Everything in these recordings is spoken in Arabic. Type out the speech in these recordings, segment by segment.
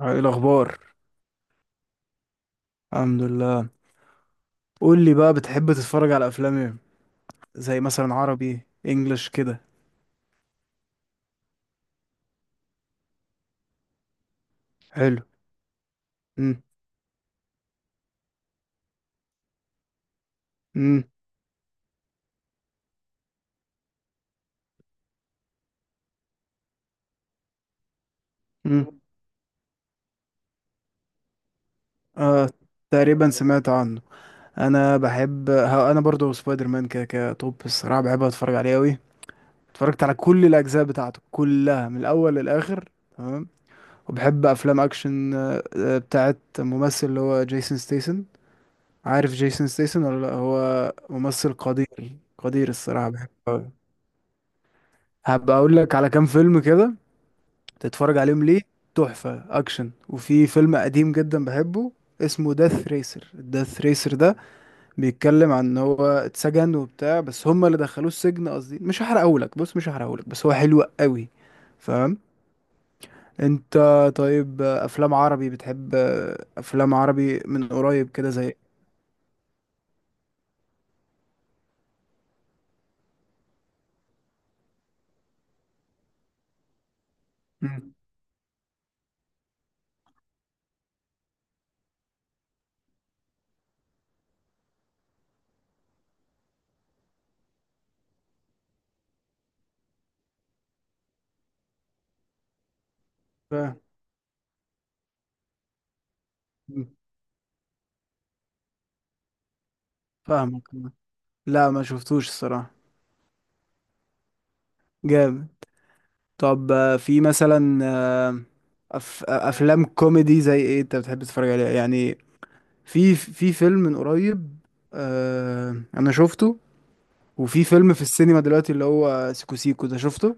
ايه الاخبار؟ الحمد لله. قول لي بقى، بتحب تتفرج على افلام ايه؟ زي مثلا عربي، انجلش كده. حلو. امم. امم. امم. آه، تقريبا سمعت عنه. انا بحب ها انا برضو سبايدر مان كده كده توب، الصراحه بحب اتفرج عليه قوي. اتفرجت على كل الاجزاء بتاعته كلها من الاول للاخر. تمام. وبحب افلام اكشن، بتاعت ممثل اللي هو جيسون ستيسن. عارف جيسون ستيسن ولا لا هو؟ ممثل قدير قدير، الصراحه بحبه أوي. هبقى اقول لك على كام فيلم كده تتفرج عليهم ليه. تحفة اكشن. وفي فيلم قديم جدا بحبه، اسمه داث ريسر. الداث ريسر ده بيتكلم عن ان هو اتسجن وبتاع، بس هما اللي دخلوه السجن، قصدي مش هحرقهولك، بص مش هحرقهولك، بس هو حلو قوي. فاهم؟ انت. طيب، افلام عربي بتحب، افلام عربي من قريب كده زي. مم. فاهم. فاهمك. لا، ما شفتوش الصراحة. جامد. طب، في مثلا، افلام كوميدي زي ايه انت بتحب تتفرج عليها يعني؟ في فيلم من قريب، انا شفته. وفي فيلم في السينما دلوقتي اللي هو سيكو سيكو ده، شفته؟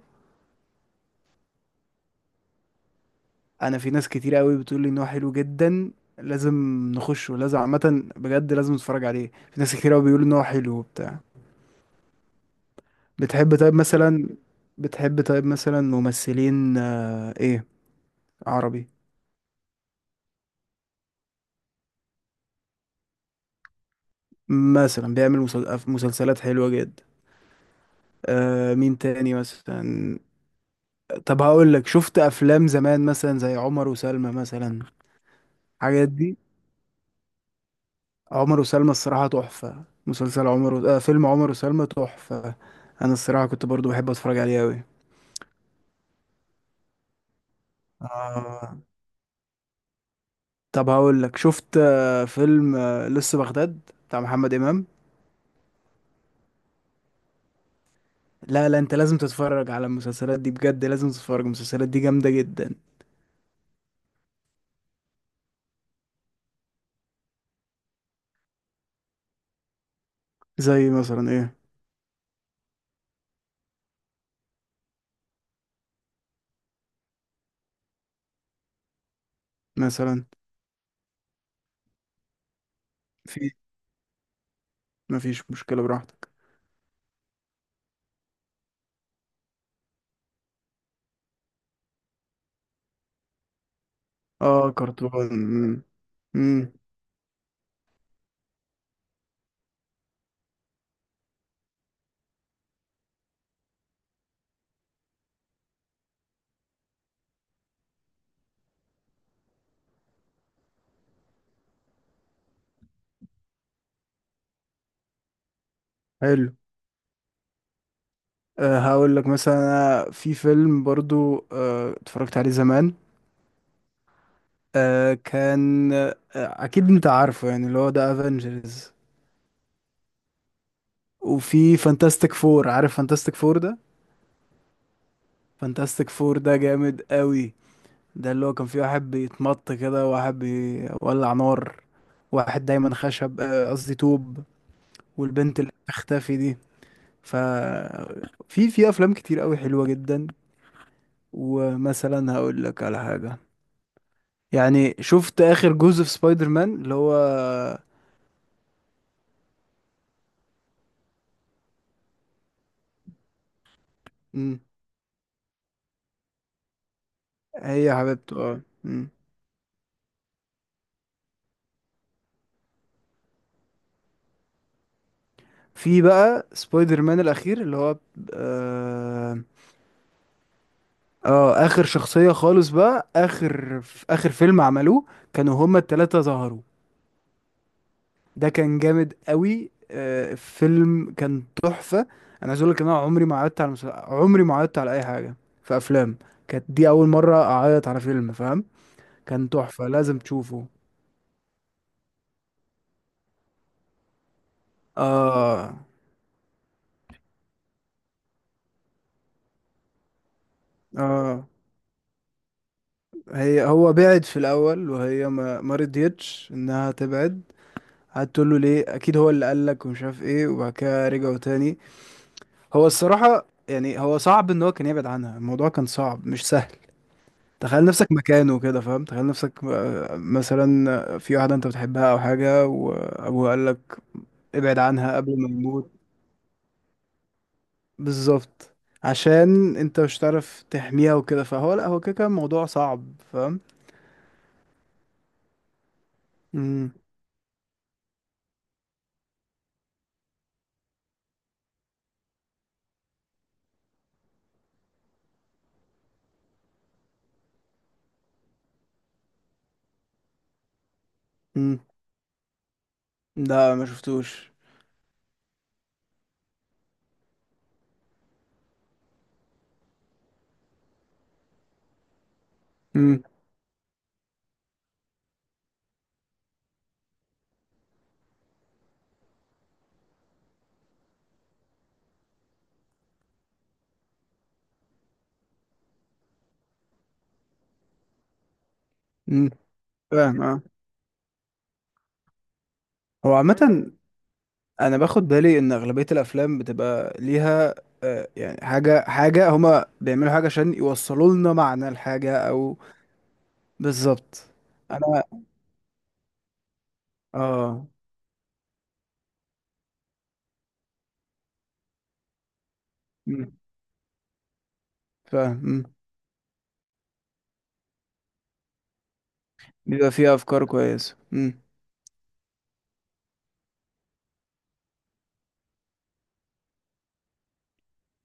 انا في ناس كتير قوي بتقول لي ان هو حلو جدا. لازم نخشه، لازم عامه بجد لازم نتفرج عليه، في ناس كتير قوي بيقولوا ان هو حلو وبتاع. بتحب طيب مثلا. بتحب طيب مثلا ممثلين، ايه عربي؟ مثلا بيعمل مسلسلات حلوة جدا. مين تاني مثلا؟ طب هقول لك، شفت افلام زمان مثلا زي عمر وسلمى مثلا؟ الحاجات دي، عمر وسلمى الصراحة تحفة. مسلسل عمر و... آه فيلم عمر وسلمى تحفة. انا الصراحة كنت برضو بحب اتفرج عليه قوي. آه. طب هقول لك، شفت فيلم لسه بغداد بتاع محمد امام؟ لا، لا، انت لازم تتفرج على المسلسلات دي، بجد لازم تتفرج، المسلسلات دي جامدة جدا. زي مثلا ايه؟ مثلا. في. مفيش مشكلة، براحتك. اه، كرتون. مم. مم. حلو. هقول لك مثلا، أنا في فيلم برضو اتفرجت عليه زمان. كان، اكيد انت عارفه، يعني اللي هو ده افنجرز. وفي فانتاستيك فور، عارف فانتاستيك فور ده؟ فانتاستيك فور ده جامد قوي. ده اللي هو كان فيه واحد بيتمط كده، وواحد بيولع نار، واحد دايما خشب، قصدي طوب. والبنت اللي بتختفي دي. ف في افلام كتير قوي حلوه جدا. ومثلا هقول لك على حاجة، يعني شفت آخر جزء في سبايدر مان اللي هو. مم. هي حبيبته، اه. مم. في بقى سبايدر مان الأخير اللي هو. اه. آخر شخصية خالص، بقى آخر في آخر فيلم عملوه، كانوا هما التلاتة ظهروا. ده كان جامد قوي، الفيلم كان تحفة. أنا عايز أقول لك إن أنا عمري ما عيطت على أي حاجة في أفلام. كانت دي أول مرة أعيط على فيلم، فاهم؟ كان تحفة، لازم تشوفه. اه. اه. هو بعد في الاول، وهي ما رضيتش انها تبعد. قعدت تقول له ليه، اكيد هو اللي قال لك ومش عارف ايه، وبعد كده رجعوا تاني. هو الصراحه، يعني هو صعب ان هو كان يبعد عنها، الموضوع كان صعب مش سهل. تخيل نفسك مكانه كده، فاهم؟ تخيل نفسك، مثلا، في واحده انت بتحبها او حاجه، وابوه قال لك ابعد عنها قبل ما يموت. بالظبط. عشان انت مش هتعرف تحميها وكده، فهو لا هو كده كان موضوع صعب، فاهم؟ امم. لا، ما شفتوش. امم. امم. فاهم. اه. هو عامة، انا باخد بالي ان اغلبية الافلام بتبقى ليها يعني حاجة حاجة، هما بيعملوا حاجة عشان يوصلوا لنا معنى الحاجة او. بالظبط. انا. اه. امم. فاهم. امم. بيبقى فيها افكار كويسة. امم.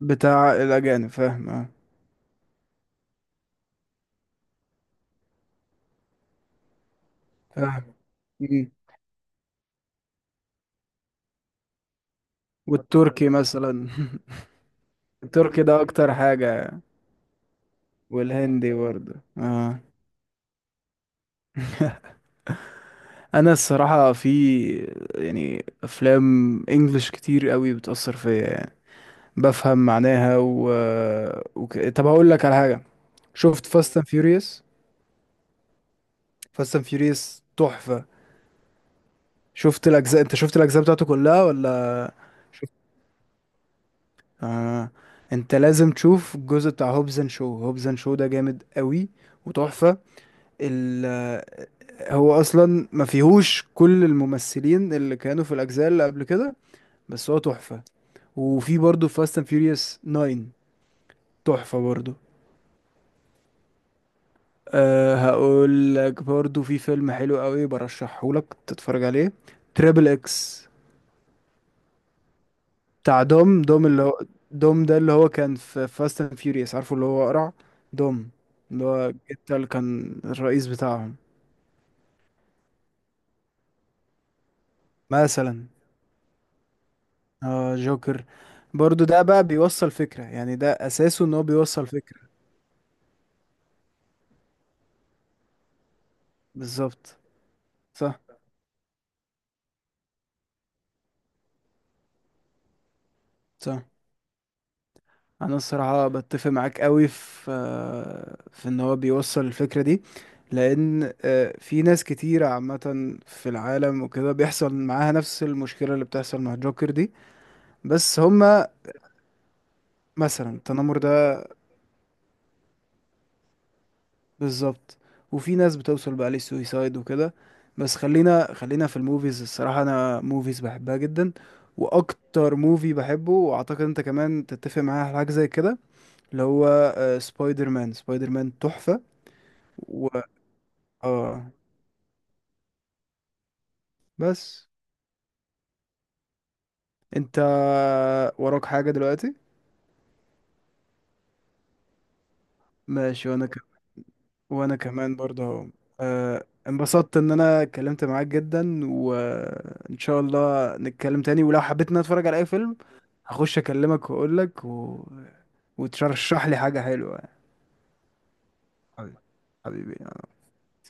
بتاع الاجانب، فاهم، اه. فاهم. امم. والتركي مثلا. التركي ده اكتر حاجة. والهندي برضه. اه. انا الصراحه في، يعني افلام انجلش كتير قوي بتاثر فيا يعني، بفهم معناها طب هقول لك على حاجه، شفت فاست اند فيوريوس؟ فاست اند فيوريوس تحفه. شفت الاجزاء انت شفت الاجزاء بتاعته كلها ولا؟ شفت. آه. انت لازم تشوف الجزء بتاع هوبز اند شو، هوبز اند شو ده جامد قوي وتحفه. ال... هو اصلا ما فيهوش كل الممثلين اللي كانوا في الاجزاء اللي قبل كده، بس هو تحفه. وفي برضه فاست اند فيوريوس 9، تحفة برضه. هقول لك برضه، في فيلم حلو قوي برشحه لك تتفرج عليه، تريبل اكس، بتاع دوم اللي هو. دوم ده اللي هو كان في فاست اند فيوريوس، عارفه، اللي هو قرع، دوم، اللي هو الجتة اللي كان الرئيس بتاعهم. مثلا. اه، جوكر، برضه ده بقى بيوصل فكرة، يعني ده اساسه ان هو بيوصل فكرة. بالظبط. صح. صح. انا الصراحه بتفق معاك قوي في ان هو بيوصل الفكره دي. لان في ناس كتيره عامه في العالم وكده، بيحصل معاها نفس المشكله اللي بتحصل مع جوكر دي. بس هما مثلا التنمر ده. بالظبط. وفي ناس بتوصل بقى للسويسايد وكده. بس خلينا خلينا في الموفيز، الصراحه انا موفيز بحبها جدا. واكتر موفي بحبه، واعتقد انت كمان تتفق معايا على حاجه زي كده، اللي هو سبايدر مان، سبايدر مان تحفه. اه. بس انت، وراك حاجة دلوقتي؟ ماشي، وانا وانا كمان برضه اهو، انبسطت ان انا اتكلمت معاك جدا، وان شاء الله نتكلم تاني، ولو حبيت ان أنا اتفرج على اي فيلم هخش اكلمك واقول لك وترشح لي حاجة حلوة. حبيبي. حبيبي.